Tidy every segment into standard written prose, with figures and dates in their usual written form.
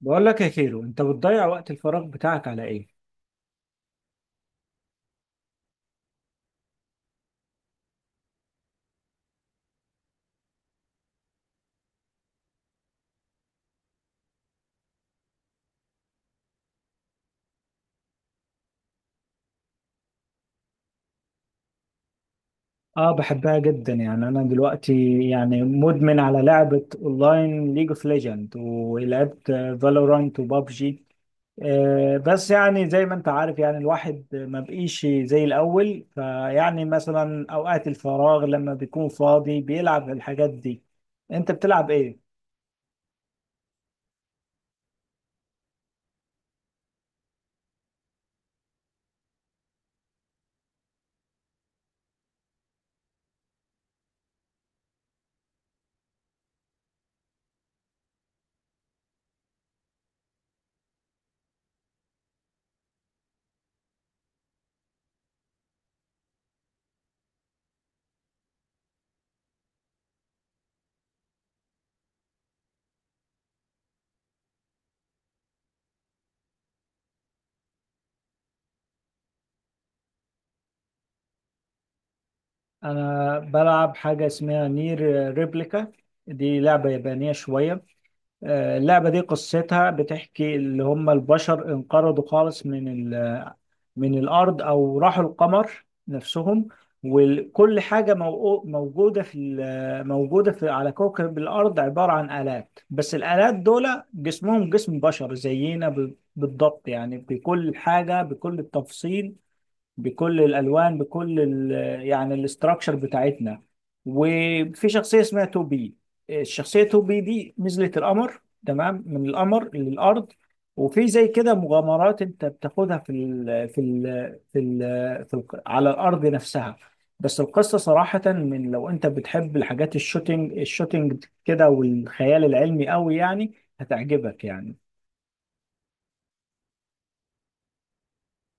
بقول لك يا كيرو، انت بتضيع وقت الفراغ بتاعك على ايه؟ اه، بحبها جدا، يعني انا دلوقتي يعني مدمن على لعبة اونلاين ليج اوف ليجند، ولعبت فالورانت وبابجي. بس يعني زي ما انت عارف، يعني الواحد ما بقيش زي الاول، فيعني مثلا اوقات الفراغ لما بيكون فاضي بيلعب الحاجات دي. انت بتلعب ايه؟ انا بلعب حاجة اسمها نير ريبليكا. دي لعبة يابانية شوية. اللعبة دي قصتها بتحكي اللي هم البشر انقرضوا خالص من ال... من الأرض، أو راحوا القمر نفسهم. وكل حاجة موجودة في موجودة في على كوكب الأرض عبارة عن آلات، بس الآلات دول جسمهم جسم بشر زينا بالضبط، يعني بكل حاجة، بكل التفصيل، بكل الالوان، بكل يعني الاستراكشر بتاعتنا. وفي شخصيه اسمها توبي. الشخصيه توبي دي نزلت القمر، تمام، من القمر للارض. وفي زي كده مغامرات انت بتاخدها في ال على الارض نفسها. بس القصه صراحه، من لو انت بتحب الحاجات الشوتينج الشوتينج كده والخيال العلمي قوي، يعني هتعجبك يعني.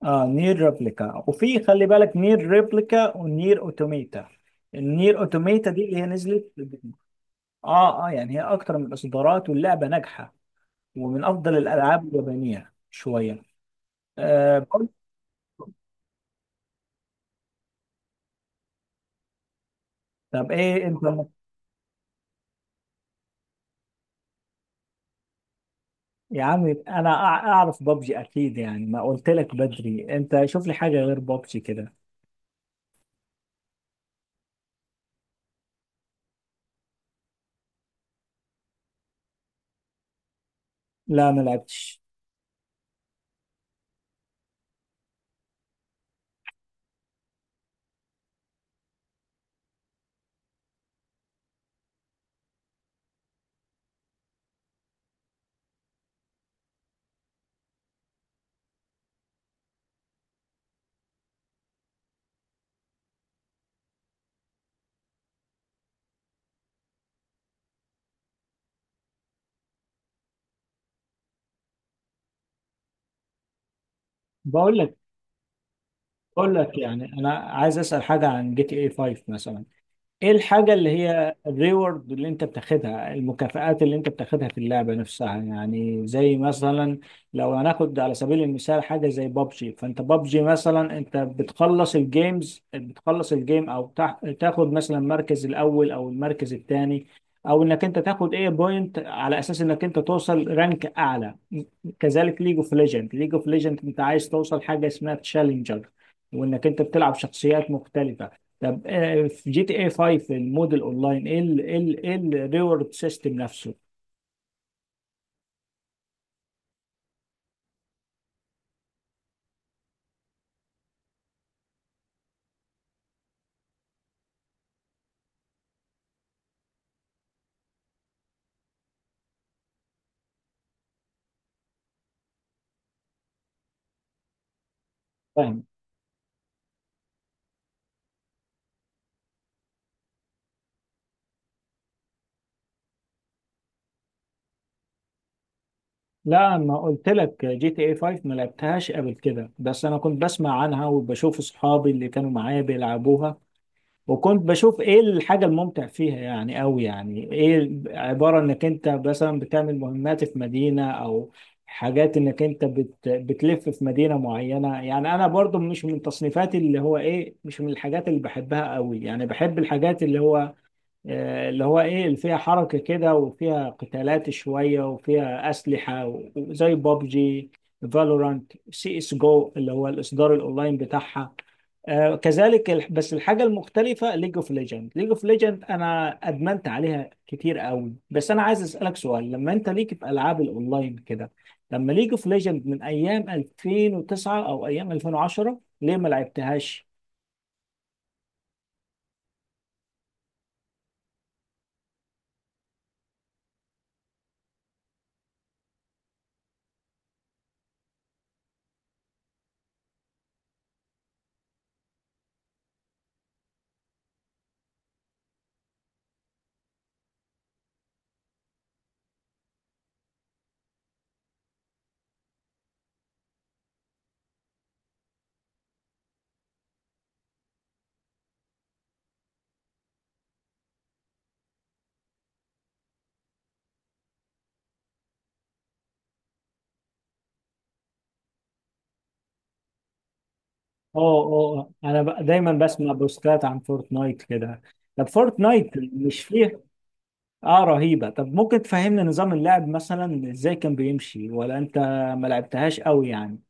اه، نير ريبليكا. وفي خلي بالك، نير ريبليكا ونير اوتوميتا. النير اوتوميتا دي اللي هي نزلت. اه اه، يعني هي اكتر من الاصدارات، واللعبه ناجحه ومن افضل الالعاب اليابانيه شويه. آه برضه- طب ايه انت. يا عمي، انا اعرف بابجي اكيد، يعني ما قلت لك بدري، انت شوف لي حاجه غير بابجي كده. لا ما لعبتش. بقول لك بقول لك يعني انا عايز اسال حاجه عن جي تي اي 5 مثلا. ايه الحاجة اللي هي الريورد اللي انت بتاخدها، المكافآت اللي انت بتاخدها في اللعبة نفسها، يعني زي مثلا لو هناخد على سبيل المثال حاجة زي بابجي، فانت بابجي مثلا انت بتخلص الجيمز، بتخلص الجيم، او تاخد مثلا المركز الاول او المركز الثاني، او انك انت تاخد ايه بوينت على اساس انك انت توصل رانك اعلى. كذلك ليج اوف ليجند، انت عايز توصل حاجة اسمها تشالنجر، وانك انت بتلعب شخصيات مختلفة. طب في جي تي اي 5 الموديل اونلاين، ايه ال الريورد سيستم نفسه؟ فاهم. لا ما قلت لك جي تي اي 5 ما لعبتهاش قبل كده، بس انا كنت بسمع عنها وبشوف اصحابي اللي كانوا معايا بيلعبوها. وكنت بشوف ايه الحاجة الممتع فيها يعني قوي، يعني ايه، عبارة انك انت مثلا بتعمل مهمات في مدينة، او حاجات انك انت بتلف في مدينة معينة. يعني انا برضو مش من تصنيفاتي، اللي هو ايه، مش من الحاجات اللي بحبها قوي، يعني بحب الحاجات اللي هو اللي هو ايه، اللي فيها حركة كده وفيها قتالات شوية وفيها أسلحة، وزي بابجي، فالورانت، سي اس جو اللي هو الإصدار الأونلاين بتاعها. كذلك بس الحاجة المختلفة، ليج اوف ليجند أنا أدمنت عليها كتير قوي. بس أنا عايز أسألك سؤال، لما أنت ليك في ألعاب الأونلاين كده، لما ليج اوف ليجند من أيام 2009 أو أيام 2010، ليه ما لعبتهاش؟ اه اه اه. انا دايما بسمع بوستات عن فورتنايت كده. طب فورتنايت مش فيه؟ اه رهيبة. طب ممكن تفهمنا نظام اللعب مثلا ازاي كان بيمشي، ولا انت ما لعبتهاش قوي يعني؟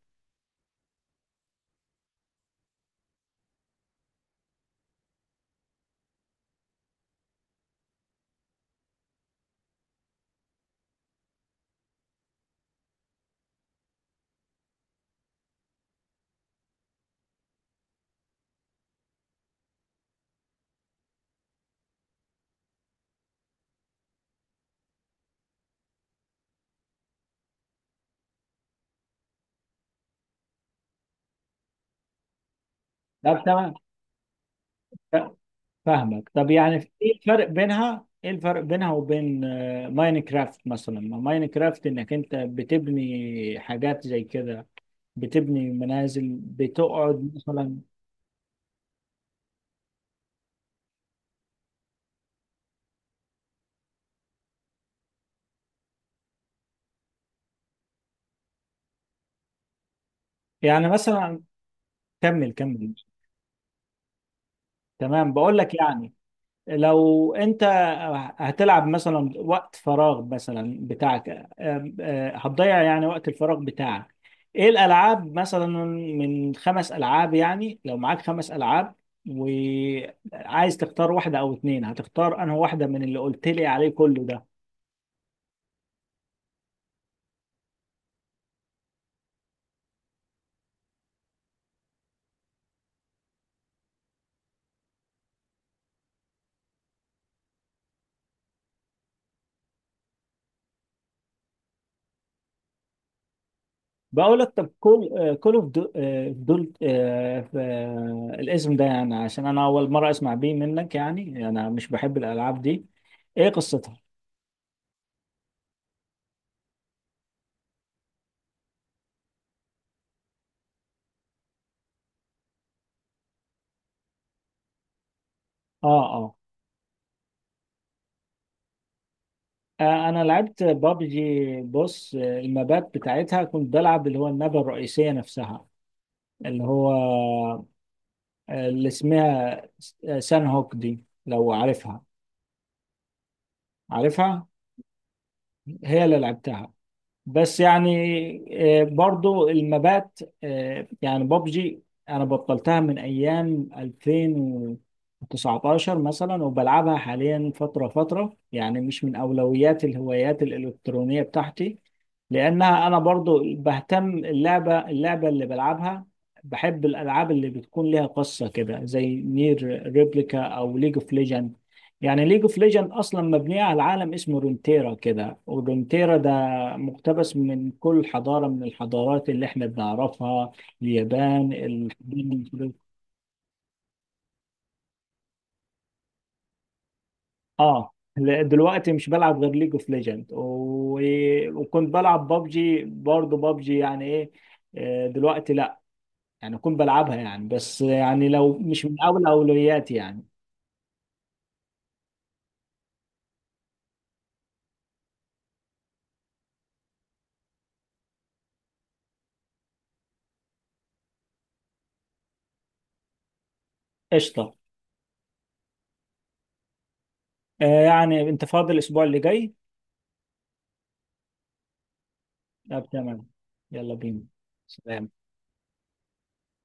طب تمام. ف- فاهمك. طب يعني ايه الفرق بينها، وبين ماينكرافت مثلا؟ ما ماينكرافت انك انت بتبني حاجات زي كده، بتبني منازل بتقعد مثلا. يعني مثلا. كمل كمل. تمام، بقول لك يعني، لو انت هتلعب مثلا وقت فراغ مثلا بتاعك، آم، آه، هتضيع يعني وقت الفراغ بتاعك. ايه الالعاب مثلا من خمس العاب؟ يعني لو معاك خمس العاب وعايز تختار واحدة او اتنين، هتختار انهي واحدة من اللي قلت لي عليه كله ده؟ بقول لك، طب كل كول اوف دول، الاسم ده، يعني عشان انا اول مرة اسمع بيه منك، يعني انا مش بحب الالعاب دي. ايه قصتها؟ اه آه. انا لعبت بابجي. بص، المابات بتاعتها كنت بلعب اللي هو النبة الرئيسية نفسها، اللي هو اللي اسمها سان هوك، دي لو عارفها. عارفها. هي اللي لعبتها. بس يعني برضو المبات. يعني بابجي انا بطلتها من ايام 2019 مثلا، وبلعبها حاليا فترة فترة. يعني مش من اولويات الهوايات الالكترونية بتاعتي، لانها انا برضو بهتم اللعبة، اللي بلعبها. بحب الالعاب اللي بتكون ليها قصة كده، زي نير ريبليكا او ليج اوف ليجند. يعني ليج اوف ليجند اصلا مبنيه على عالم اسمه رونتيرا كده، ورونتيرا ده مقتبس من كل حضارة من الحضارات اللي احنا بنعرفها، اليابان، اه لا، دلوقتي مش بلعب غير ليج اوف ليجند وكنت بلعب بابجي برضه. بابجي يعني ايه، دلوقتي لا. يعني كنت بلعبها يعني، بس يعني لو مش من اول اولوياتي يعني. قشطة. يعني انت فاضي الاسبوع اللي جاي؟ طب تمام، يلا بينا. سلام.